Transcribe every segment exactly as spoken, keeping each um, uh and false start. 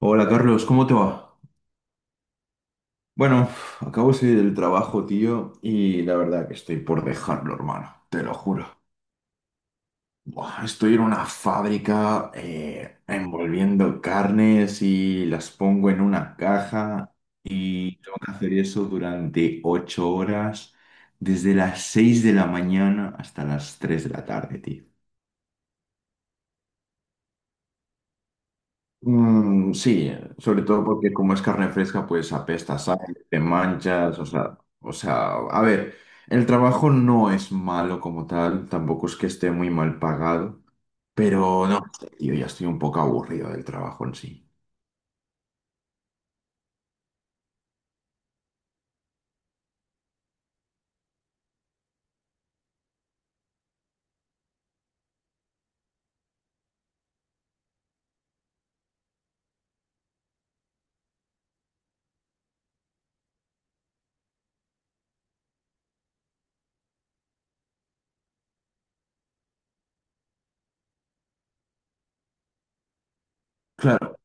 Hola Carlos, ¿cómo te va? Bueno, acabo de salir del trabajo, tío, y la verdad que estoy por dejarlo, hermano, te lo juro. Buah, estoy en una fábrica eh, envolviendo carnes y las pongo en una caja y tengo que hacer eso durante ocho horas, desde las seis de la mañana hasta las tres de la tarde, tío. Mm, sí, sobre todo porque como es carne fresca, pues apesta, sale, te manchas, o sea, o sea, a ver, el trabajo no es malo como tal, tampoco es que esté muy mal pagado, pero no sé, tío, ya estoy un poco aburrido del trabajo en sí. Claro,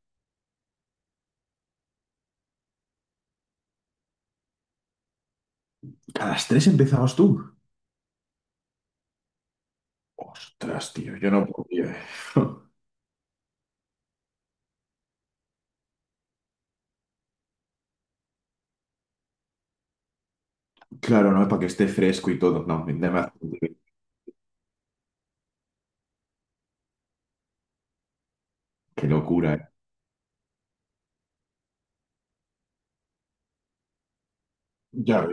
a las tres empezabas tú. Ostras, tío, yo no podía. Claro, no, para que esté fresco y todo, no, me hace- qué locura, eh. Ya.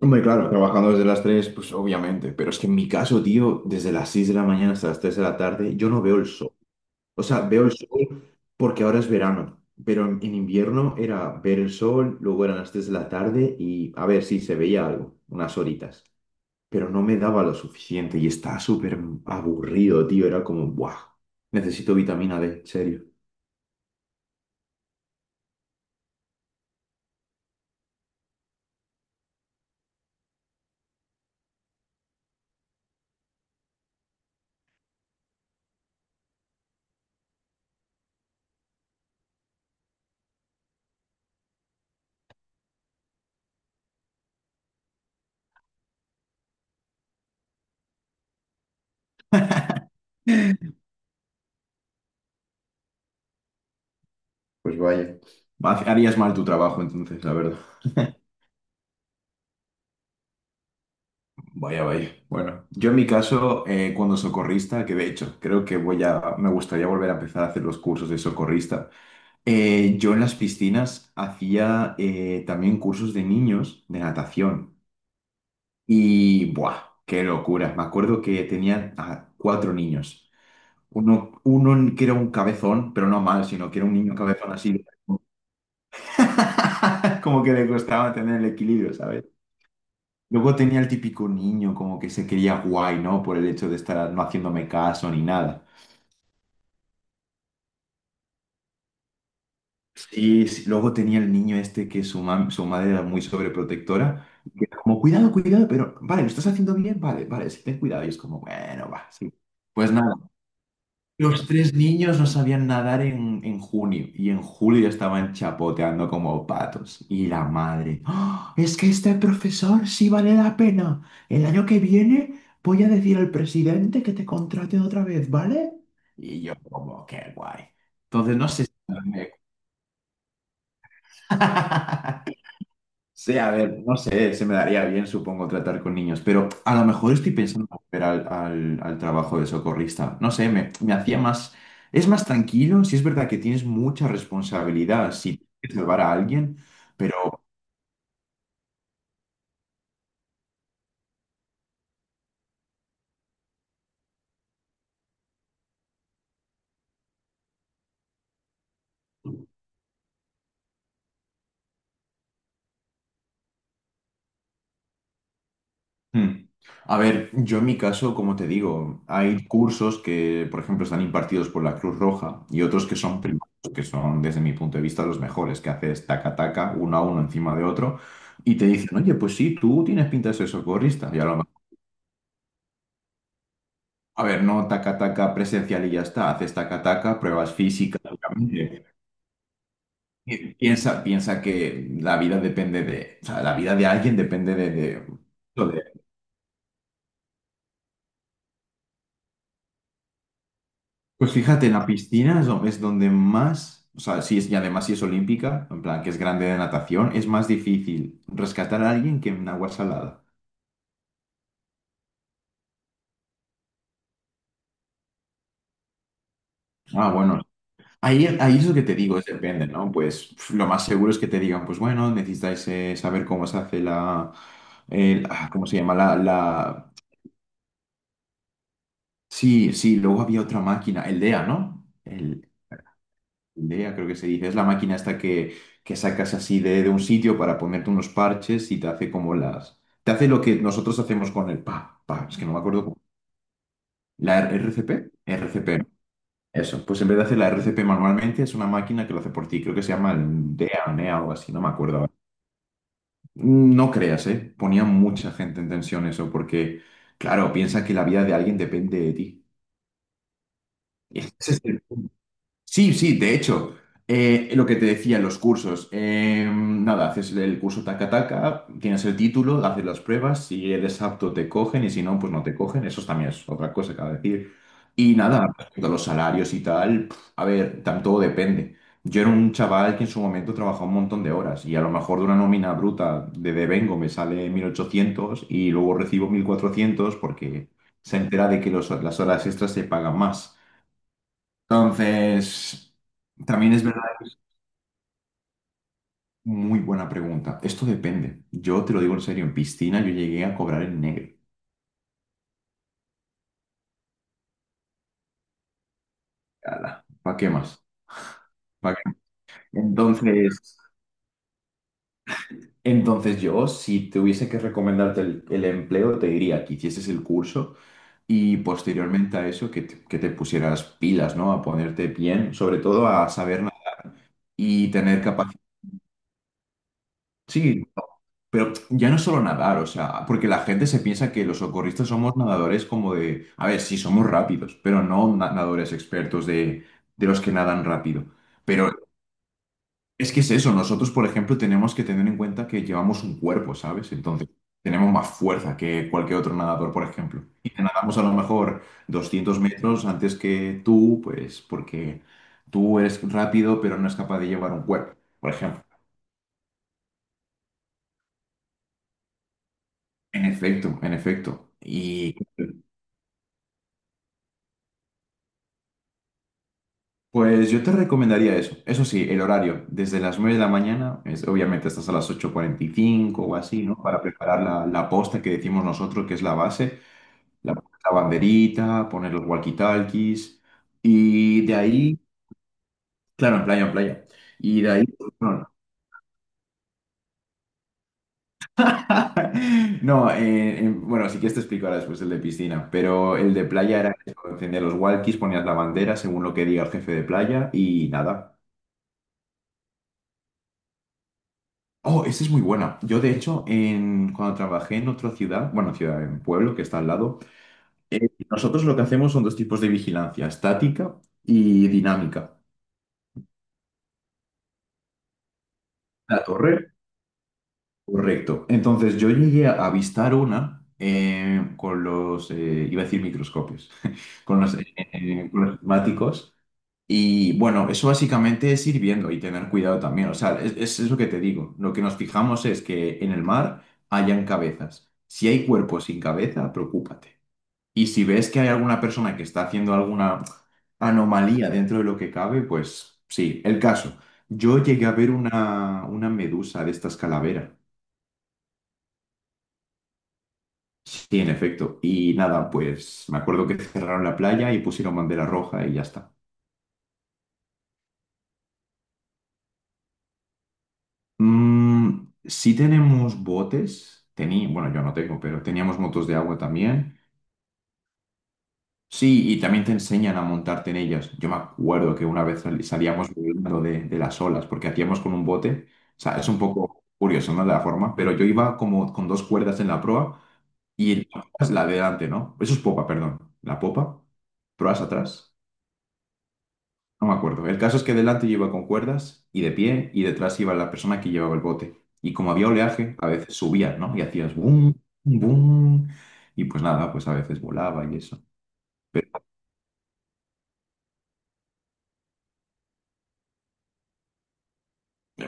Hombre, claro, trabajando desde las tres, pues obviamente, pero es que en mi caso, tío, desde las seis de la mañana hasta las tres de la tarde, yo no veo el sol. O sea, veo el sol porque ahora es verano, pero en, en invierno era ver el sol, luego eran las tres de la tarde y a ver si se veía algo, unas horitas, pero no me daba lo suficiente y estaba súper aburrido, tío, era como, ¡buah! Necesito vitamina de, en serio. Pues vaya, harías mal tu trabajo entonces, la verdad. Vaya, vaya. Bueno, yo en mi caso, eh, cuando socorrista, que de hecho creo que voy a, me gustaría volver a empezar a hacer los cursos de socorrista. Eh, yo en las piscinas hacía eh, también cursos de niños de natación y ¡buah! ¡Qué locura! Me acuerdo que tenía a cuatro niños. Uno, uno que era un cabezón, pero no mal, sino que era un niño cabezón así, como que le costaba tener el equilibrio, ¿sabes? Luego tenía el típico niño como que se quería guay, ¿no? Por el hecho de estar no haciéndome caso ni nada. Sí, sí. Luego tenía el niño este que su, mam- su madre era muy sobreprotectora. Que era como, cuidado, cuidado, pero vale, lo estás haciendo bien, vale, vale, sí, ten cuidado. Y es como, bueno, va, sí. Pues nada. Los tres niños no sabían nadar en, en junio y en julio ya estaban chapoteando como patos. Y la madre, "¡Ah! Es que este profesor sí vale la pena. El año que viene voy a decir al presidente que te contraten otra vez, ¿vale?" Y yo como, qué guay. Entonces no sé si... Sí, a ver, no sé, se me daría bien, supongo, tratar con niños, pero a lo mejor estoy pensando en volver al, al- al trabajo de socorrista. No sé, me, me hacía más... Es más tranquilo, sí es verdad que tienes mucha responsabilidad si tienes que salvar a alguien, pero... hmm, A ver, yo en mi caso, como te digo, hay cursos que, por ejemplo, están impartidos por la Cruz Roja y otros que son privados, que son, desde mi punto de vista, los mejores, que haces taca-taca, uno a uno encima de otro. Y te dicen, oye, pues sí, tú tienes pinta de ser socorrista. Y a lo A ver, no taca-taca presencial y ya está. Haces taca-taca, pruebas físicas, obviamente. Pi- Piensa, piensa que la vida depende de, o sea, la vida de alguien depende de, de- de- Pues fíjate, en la piscina es do- es donde más, o sea, sí es, y además si es olímpica, en plan que es grande de natación, es más difícil rescatar a alguien que en agua salada. Ah, bueno. Ahí, ahí es lo que te digo, es depende, ¿no? Pues pf, lo más seguro es que te digan, pues bueno, necesitáis eh, saber cómo se hace la, el- ah, ¿cómo se llama? La, la- Sí, sí, luego había otra máquina, el dea, ¿no? El, el dea creo que se dice, es la máquina esta que, que sacas así de, de un sitio para ponerte unos parches y te hace como las... Te hace lo que nosotros hacemos con el pa, pa, es que no me acuerdo cómo. ¿La R- RCP? R C P, ¿no? Eso. Pues en vez de hacer la R C P manualmente, es una máquina que lo hace por ti, creo que se llama el dea o nea o algo así, no me acuerdo ahora. No creas, ¿eh? Ponía mucha gente en tensión eso, porque, claro, piensa que la vida de alguien depende de ti. Ese es el punto. Sí, sí, de hecho, eh, lo que te decía en los cursos, eh, nada, haces el curso taca taca, tienes el título, haces las pruebas, si eres apto te cogen y si no, pues no te cogen, eso también es otra cosa que decir. Y nada, respecto a los salarios y tal, pf, a ver, tam- todo depende. Yo era un chaval que en su momento trabajaba un montón de horas y a lo mejor de una nómina bruta de devengo me sale mil ochocientos y luego recibo mil cuatrocientos porque se entera de que los- las horas extras se pagan más. Entonces, también es verdad, muy buena pregunta. Esto depende. Yo te lo digo en serio, en piscina yo llegué a cobrar en negro. ¿Para qué más? ¿Pa' qué más? Entonces, entonces yo, si tuviese que recomendarte el, el empleo, te diría que hicieses el curso y posteriormente a eso que te, que te pusieras pilas, ¿no? A ponerte bien, sobre todo a saber nada y tener capacidad. Sí. Pero ya no solo nadar, o sea, porque la gente se piensa que los socorristas somos nadadores como de, a ver, sí, somos rápidos, pero no na- nadadores expertos de, de los que nadan rápido. Pero es que es eso, nosotros, por ejemplo, tenemos que tener en cuenta que llevamos un cuerpo, ¿sabes? Entonces, tenemos más fuerza que cualquier otro nadador, por ejemplo. Y te nadamos a lo mejor doscientos metros antes que tú, pues porque tú eres rápido, pero no es capaz de llevar un cuerpo, por ejemplo. En efecto, en efecto. Y... Pues yo te recomendaría eso. Eso sí, el horario, desde las nueve de la mañana, es, obviamente estás a las ocho cuarenta y cinco o así, ¿no? Para preparar la, la posta que decimos nosotros, que es la base, la, la banderita, poner los walkie-talkies y de ahí, claro, en playa, en playa. Y de ahí, no, no, eh, en- bueno, sí que te explico ahora después el de piscina, pero el de playa era eso, encender los walkies, ponías la bandera según lo que diga el jefe de playa y nada. Oh, esta es muy buena. Yo, de hecho, en, cuando trabajé en otra ciudad, bueno, ciudad, en pueblo que está al lado, eh, nosotros lo que hacemos son dos tipos de vigilancia, estática y dinámica. La torre, correcto. Entonces, yo llegué a avistar una eh, con los, eh, iba a decir microscopios, con los, eh, con los prismáticos. Y bueno, eso básicamente es ir viendo y tener cuidado también. O sea, es, es eso que te digo. Lo que nos fijamos es que en el mar hayan cabezas. Si hay cuerpos sin cabeza, preocúpate. Y si ves que hay alguna persona que está haciendo alguna anomalía dentro de lo que cabe, pues sí, el caso. Yo llegué a ver una, una medusa de estas calavera. Sí, en efecto. Y nada, pues me acuerdo que cerraron la playa y pusieron bandera roja y ya está. Mm, sí tenemos botes. Tení Bueno, yo no tengo, pero teníamos motos de agua también. Sí, y también te enseñan a montarte en ellas. Yo me acuerdo que una vez sal- salíamos volando de, de las olas, porque hacíamos con un bote. O sea, es un poco curioso, ¿no? De la forma, pero yo iba como con dos cuerdas en la proa y la proa es la de delante, ¿no? Eso es popa, perdón. La popa, proas atrás. No me acuerdo. El caso es que delante yo iba con cuerdas y de pie y detrás iba la persona que llevaba el bote. Y como había oleaje, a veces subía, ¿no? Y hacías boom, boom. Y pues nada, pues a veces volaba y eso.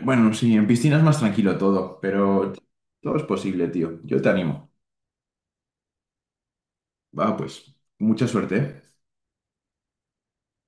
Bueno, sí, en piscina es más tranquilo todo, pero todo es posible, tío. Yo te animo. Va, pues, mucha suerte, ¿eh?